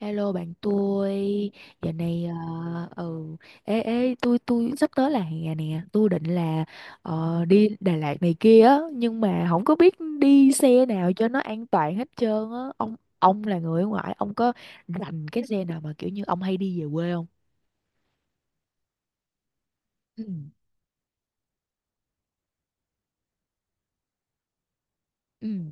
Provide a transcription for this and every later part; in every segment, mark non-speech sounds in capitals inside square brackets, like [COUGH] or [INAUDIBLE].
Hello bạn tôi. Giờ này, ừ ê ê, tôi sắp tới là hè nè. Tôi định là đi Đà Lạt này kia á, nhưng mà không có biết đi xe nào cho nó an toàn hết trơn á. Ông là người ở ngoại, ông có rành cái xe nào mà kiểu như ông hay đi về quê không? Ừ, ừ,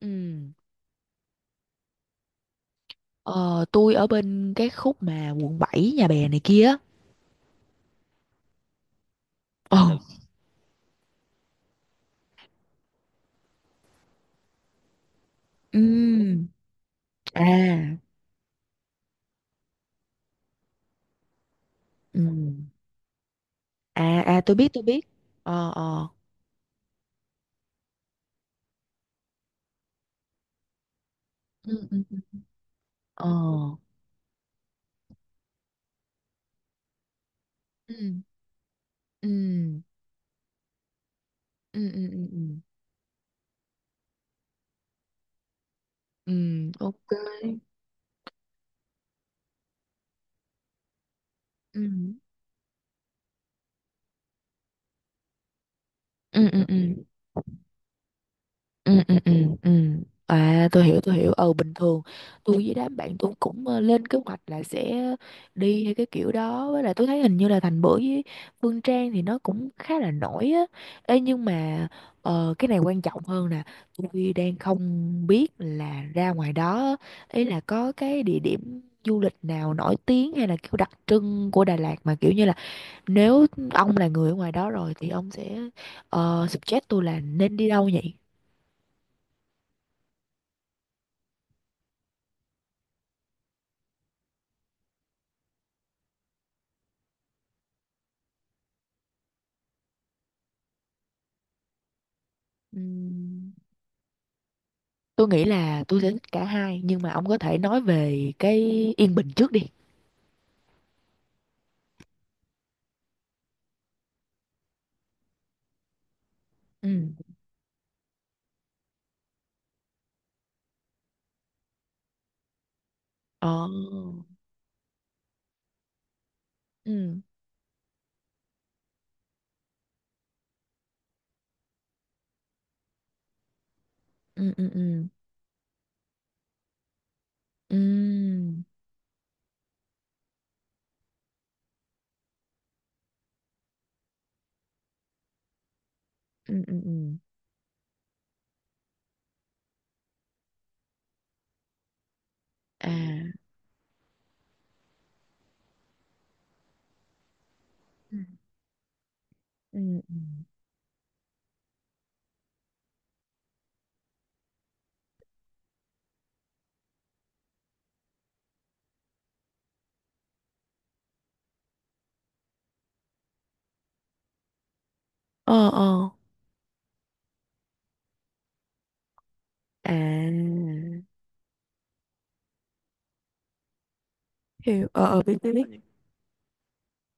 ừ. Ờ, tôi ở bên cái khúc mà quận 7 Nhà Bè này kia á. Ồ. Ừ. À. Ừ. À, à, tôi biết, tôi biết. Ờ, ờ. Ừ, ừ. ờ ừ, ừ, ừ, ừ, ừ, ừ, ừ, ok, ok, ừ, ừ, ừ, ừ. Ừ, ừ, ừ, ừ. À, tôi hiểu, tôi hiểu. Ừ, bình thường tôi với đám bạn tôi cũng lên kế hoạch là sẽ đi hay cái kiểu đó. Với lại tôi thấy hình như là Thành Bưởi với Phương Trang thì nó cũng khá là nổi á. Ê, nhưng mà cái này quan trọng hơn nè. Tôi đang không biết là ra ngoài đó á, ý là có cái địa điểm du lịch nào nổi tiếng hay là kiểu đặc trưng của Đà Lạt mà kiểu như là, nếu ông là người ở ngoài đó rồi thì ông sẽ suggest tôi là nên đi đâu nhỉ. Ừm, tôi nghĩ là tôi sẽ thích cả hai, nhưng mà ông có thể nói về cái yên bình trước đi. Ừ. Ờ. Ừ. Ừ, ừ, ừ. Ừ. Ừ, ừ, ừ. À. Ừ. Ừ. Ừ. Ờ, ờ. À. Hiểu. Ờ, ờ, biết, biết, biết.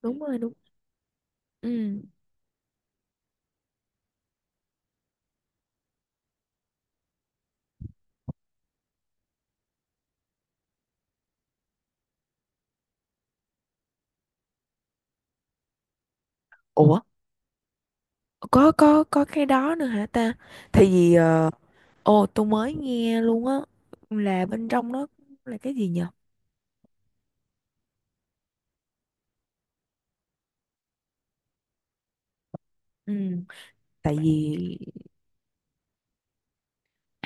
Đúng rồi, đúng. Ừ. Ủa? Có cái đó nữa hả ta? Thì vì ồ, tôi mới nghe luôn á, là bên trong nó là cái gì nhờ. Ừ, tại vì,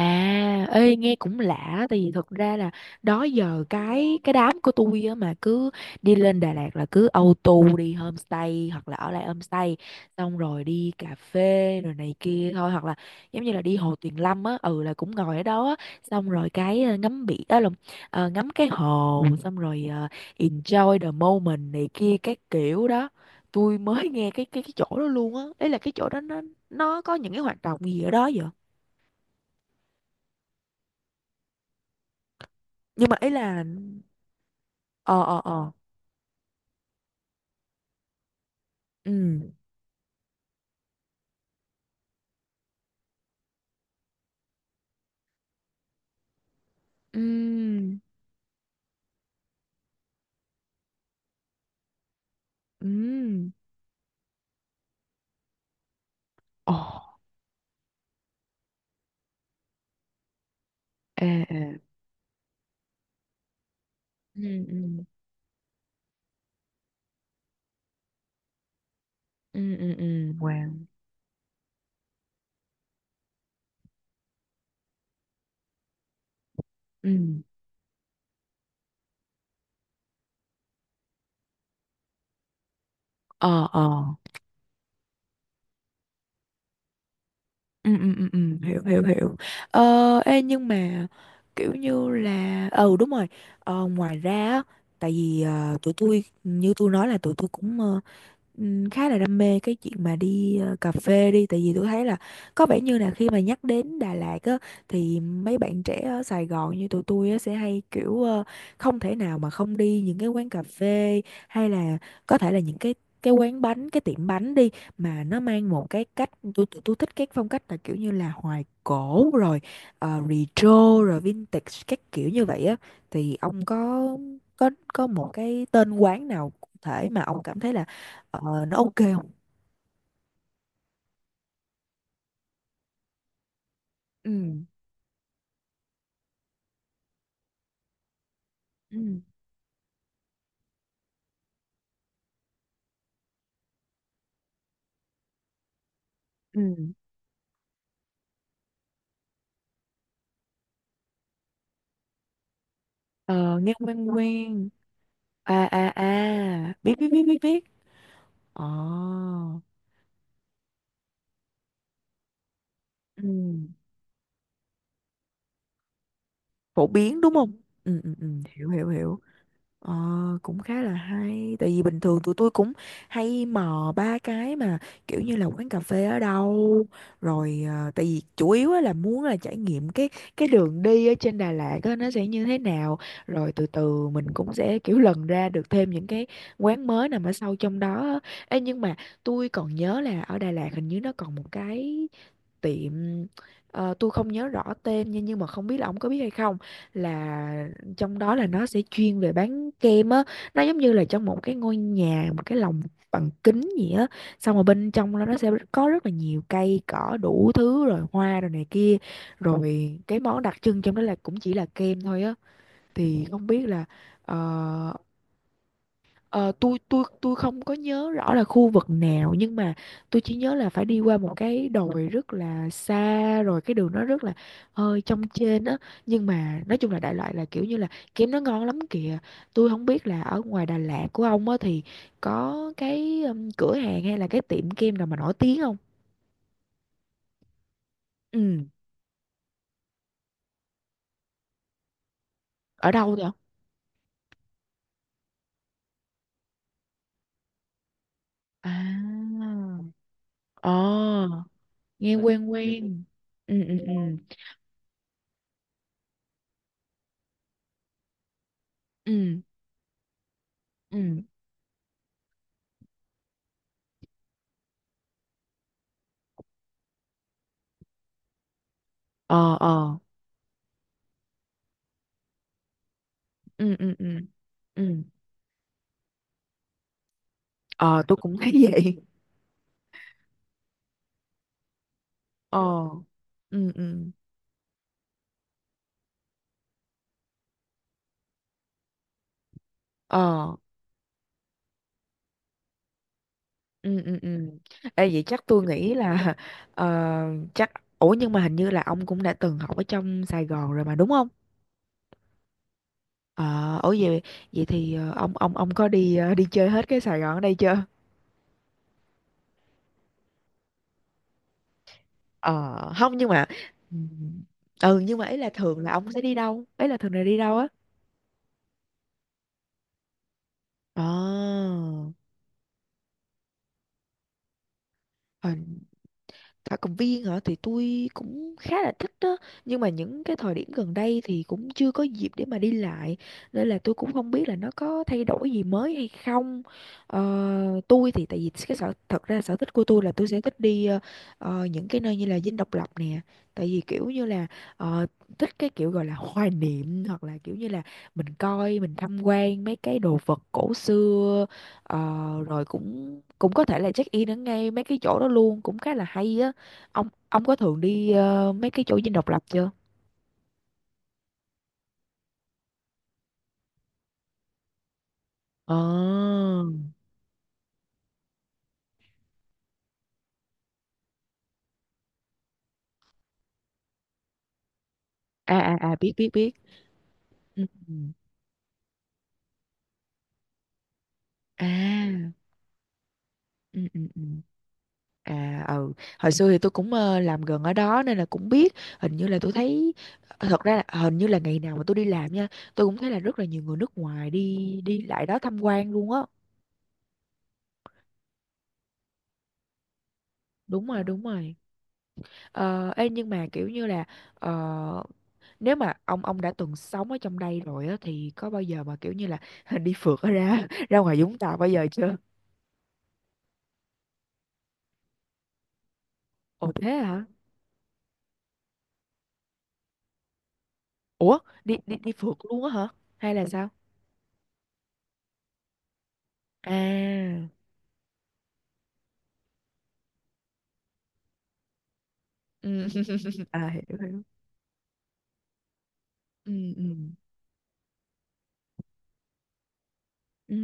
à, ê, nghe cũng lạ. Tại vì thật ra là đó giờ cái đám của tôi á mà cứ đi lên Đà Lạt là cứ auto đi homestay hoặc là ở lại homestay, xong rồi đi cà phê rồi này kia thôi, hoặc là giống như là đi Hồ Tuyền Lâm á. Ừ, là cũng ngồi ở đó á, xong rồi cái ngắm biển á, lộn, ngắm cái hồ, xong rồi enjoy the moment này kia các kiểu đó. Tôi mới nghe cái chỗ đó luôn á. Ý là cái chỗ đó nó có những cái hoạt động gì ở đó vậy? Nhưng mà ý là, ờ ờ ờ ừ, ừ, ừ, ồ, ê, ê, ừ, ừ, ừ, ừ, ừ, wow, ừ, ờ, ờ. Ừ, ừ, ừ, ừ. Hiểu, hiểu, hiểu. Ê, nhưng mà kiểu như là, ừ, đúng rồi. Ngoài ra á, tại vì tụi tôi như tôi nói là tụi tôi cũng khá là đam mê cái chuyện mà đi cà phê đi. Tại vì tôi thấy là có vẻ như là khi mà nhắc đến Đà Lạt á thì mấy bạn trẻ ở Sài Gòn như tụi tôi á sẽ hay kiểu không thể nào mà không đi những cái quán cà phê, hay là có thể là những cái quán bánh, cái tiệm bánh đi, mà nó mang một cái cách, tôi tôi thích cái phong cách là kiểu như là hoài cổ, rồi retro, rồi vintage các kiểu như vậy á. Thì ông có có một cái tên quán nào cụ thể mà ông cảm thấy là nó ok không? Ừ, ừ, ừ. Ờ, nghe quen quen. À, à, à, biết, biết, biết, biết, biết. Ờ. Ừ. Phổ biến đúng không? Ừ, ừ, ừ, hiểu, hiểu, hiểu. Ờ, cũng khá là hay. Tại vì bình thường tụi tôi cũng hay mò ba cái mà, kiểu như là quán cà phê ở đâu, rồi tại vì chủ yếu á là muốn là trải nghiệm cái đường đi ở trên Đà Lạt á, nó sẽ như thế nào, rồi từ từ mình cũng sẽ kiểu lần ra được thêm những cái quán mới nằm ở sâu trong đó á. Ê, nhưng mà tôi còn nhớ là ở Đà Lạt hình như nó còn một cái tiệm, tôi không nhớ rõ tên nha, nhưng mà không biết là ông có biết hay không, là trong đó là nó sẽ chuyên về bán kem á. Nó giống như là trong một cái ngôi nhà, một cái lồng bằng kính gì á, xong rồi bên trong đó nó sẽ có rất là nhiều cây cỏ đủ thứ, rồi hoa rồi này kia, rồi cái món đặc trưng trong đó là cũng chỉ là kem thôi á. Thì không biết là, ờ, ờ, tôi tôi không có nhớ rõ là khu vực nào, nhưng mà tôi chỉ nhớ là phải đi qua một cái đồi rất là xa, rồi cái đường nó rất là hơi trong trên á, nhưng mà nói chung là đại loại là kiểu như là kem nó ngon lắm kìa. Tôi không biết là ở ngoài Đà Lạt của ông á thì có cái, cửa hàng hay là cái tiệm kem nào mà nổi tiếng không? Ừ. Ở đâu vậy? À. Ờ, nghe quen quen. Ừ, ừ, ừ, ừ, ừ. Ờ, ờ. Ừ, ừ, ừ, ừ. Ờ tôi cũng thấy [LAUGHS] vậy. Ờ. Ừ, ừ. Ờ. Ừ, ừ, ừ. Ê vậy chắc tôi nghĩ là [LAUGHS] ờ, chắc, ủa, nhưng mà hình như là ông cũng đã từng học ở trong Sài Gòn rồi mà đúng không? Ờ ủa vậy, vậy thì ông ông có đi đi chơi hết cái Sài Gòn ở đây chưa? Ờ không, nhưng mà ừ. Ừ, nhưng mà ấy là thường là ông sẽ đi đâu? Ấy là thường là đi đâu á? Ờ. À, Thảo Cầm Viên hả, thì tôi cũng khá là thích đó, nhưng mà những cái thời điểm gần đây thì cũng chưa có dịp để mà đi lại, nên là tôi cũng không biết là nó có thay đổi gì mới hay không. Tôi thì tại vì cái sở, thật ra sở thích của tôi là tôi sẽ thích đi, những cái nơi như là Dinh Độc Lập nè. Tại vì kiểu như là, ờ, thích cái kiểu gọi là hoài niệm, hoặc là kiểu như là mình coi, mình tham quan mấy cái đồ vật cổ xưa. Ờ, rồi cũng cũng có thể là check in ở ngay mấy cái chỗ đó luôn, cũng khá là hay á. Ông có thường đi mấy cái chỗ Dinh Độc Lập chưa? Ờ. À, à, à, biết, biết, biết. Ừ. Ừ. À, ừ, ừ, ừ. À, ừ, hồi xưa thì tôi cũng làm gần ở đó nên là cũng biết. Hình như là tôi thấy, thật ra là hình như là ngày nào mà tôi đi làm nha, tôi cũng thấy là rất là nhiều người nước ngoài đi đi lại đó tham quan luôn á. Đúng rồi, đúng rồi. Ờ, ê, nhưng mà kiểu như là ờ, nếu mà ông đã từng sống ở trong đây rồi á thì có bao giờ mà kiểu như là [LAUGHS] đi phượt ở ra, [LAUGHS] ra ngoài Vũng Tàu bao giờ chưa? Ồ thế hả? Ủa, đi đi đi phượt luôn á hả? Hay là sao? À. Ừ. [LAUGHS] À, hiểu, hiểu. Ừ, ừ. Ừ.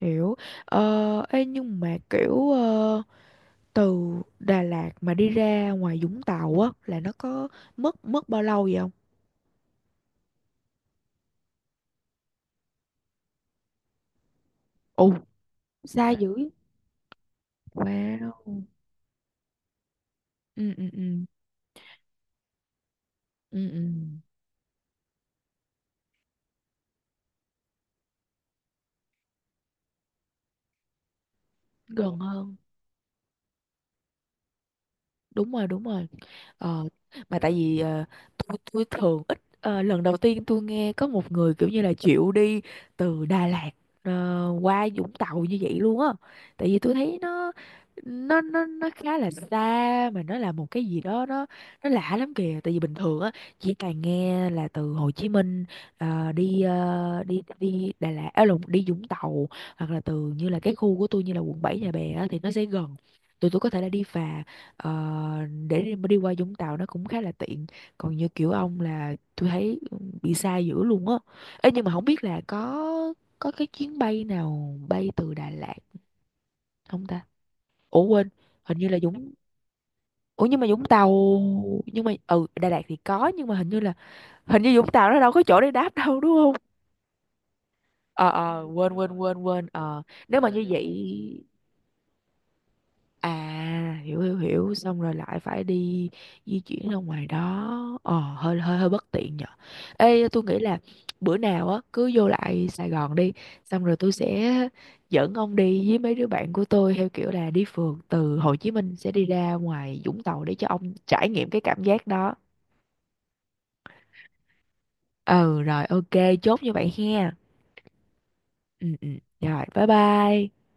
Hiểu. Ờ, ê, nhưng mà kiểu, từ Đà Lạt mà đi ra ngoài Vũng Tàu á, là nó có mất mất bao lâu vậy không? Ồ, xa dữ. Wow. Ừ, ừ, ừ. Ừ, ừ. Gần hơn. Đúng rồi, đúng rồi. ờ, mà tại vì tôi thường ít, lần đầu tiên tôi nghe có một người kiểu như là chịu đi từ Đà Lạt ờ, qua Vũng Tàu như vậy luôn á. Tại vì tôi thấy nó khá là xa, mà nó là một cái gì đó nó lạ lắm kìa. Tại vì bình thường á chỉ toàn nghe là từ Hồ Chí Minh đi đi đi Đà Lạt, à lộn, đi Vũng Tàu, hoặc là từ như là cái khu của tôi như là quận 7 Nhà Bè á, thì nó sẽ gần, tụi tôi có thể là đi phà. Ờ, để đi, mà đi qua Vũng Tàu nó cũng khá là tiện, còn như kiểu ông là tôi thấy bị xa dữ luôn á. Ê, nhưng mà không biết là có cái chuyến bay nào bay từ Đà Lạt không ta? Ủa quên, hình như là Vũng, ủa nhưng mà Vũng Tàu, nhưng mà ừ Đà Lạt thì có, nhưng mà hình như là hình như Vũng Tàu nó đâu có chỗ để đáp đâu đúng không? Ờ, ờ, quên, quên, quên, quên, ờ, nếu mà như vậy. À, hiểu, hiểu, hiểu, xong rồi lại phải đi di chuyển ra ngoài đó, ờ, hơi hơi hơi bất tiện nhở. Ê, tôi nghĩ là bữa nào á cứ vô lại Sài Gòn đi, xong rồi tôi sẽ dẫn ông đi với mấy đứa bạn của tôi theo kiểu là đi phượt từ Hồ Chí Minh sẽ đi ra ngoài Vũng Tàu để cho ông trải nghiệm cái cảm giác đó. Ừ rồi, ok. Chốt như vậy ha. Ừ, ừ. Rồi bye bye.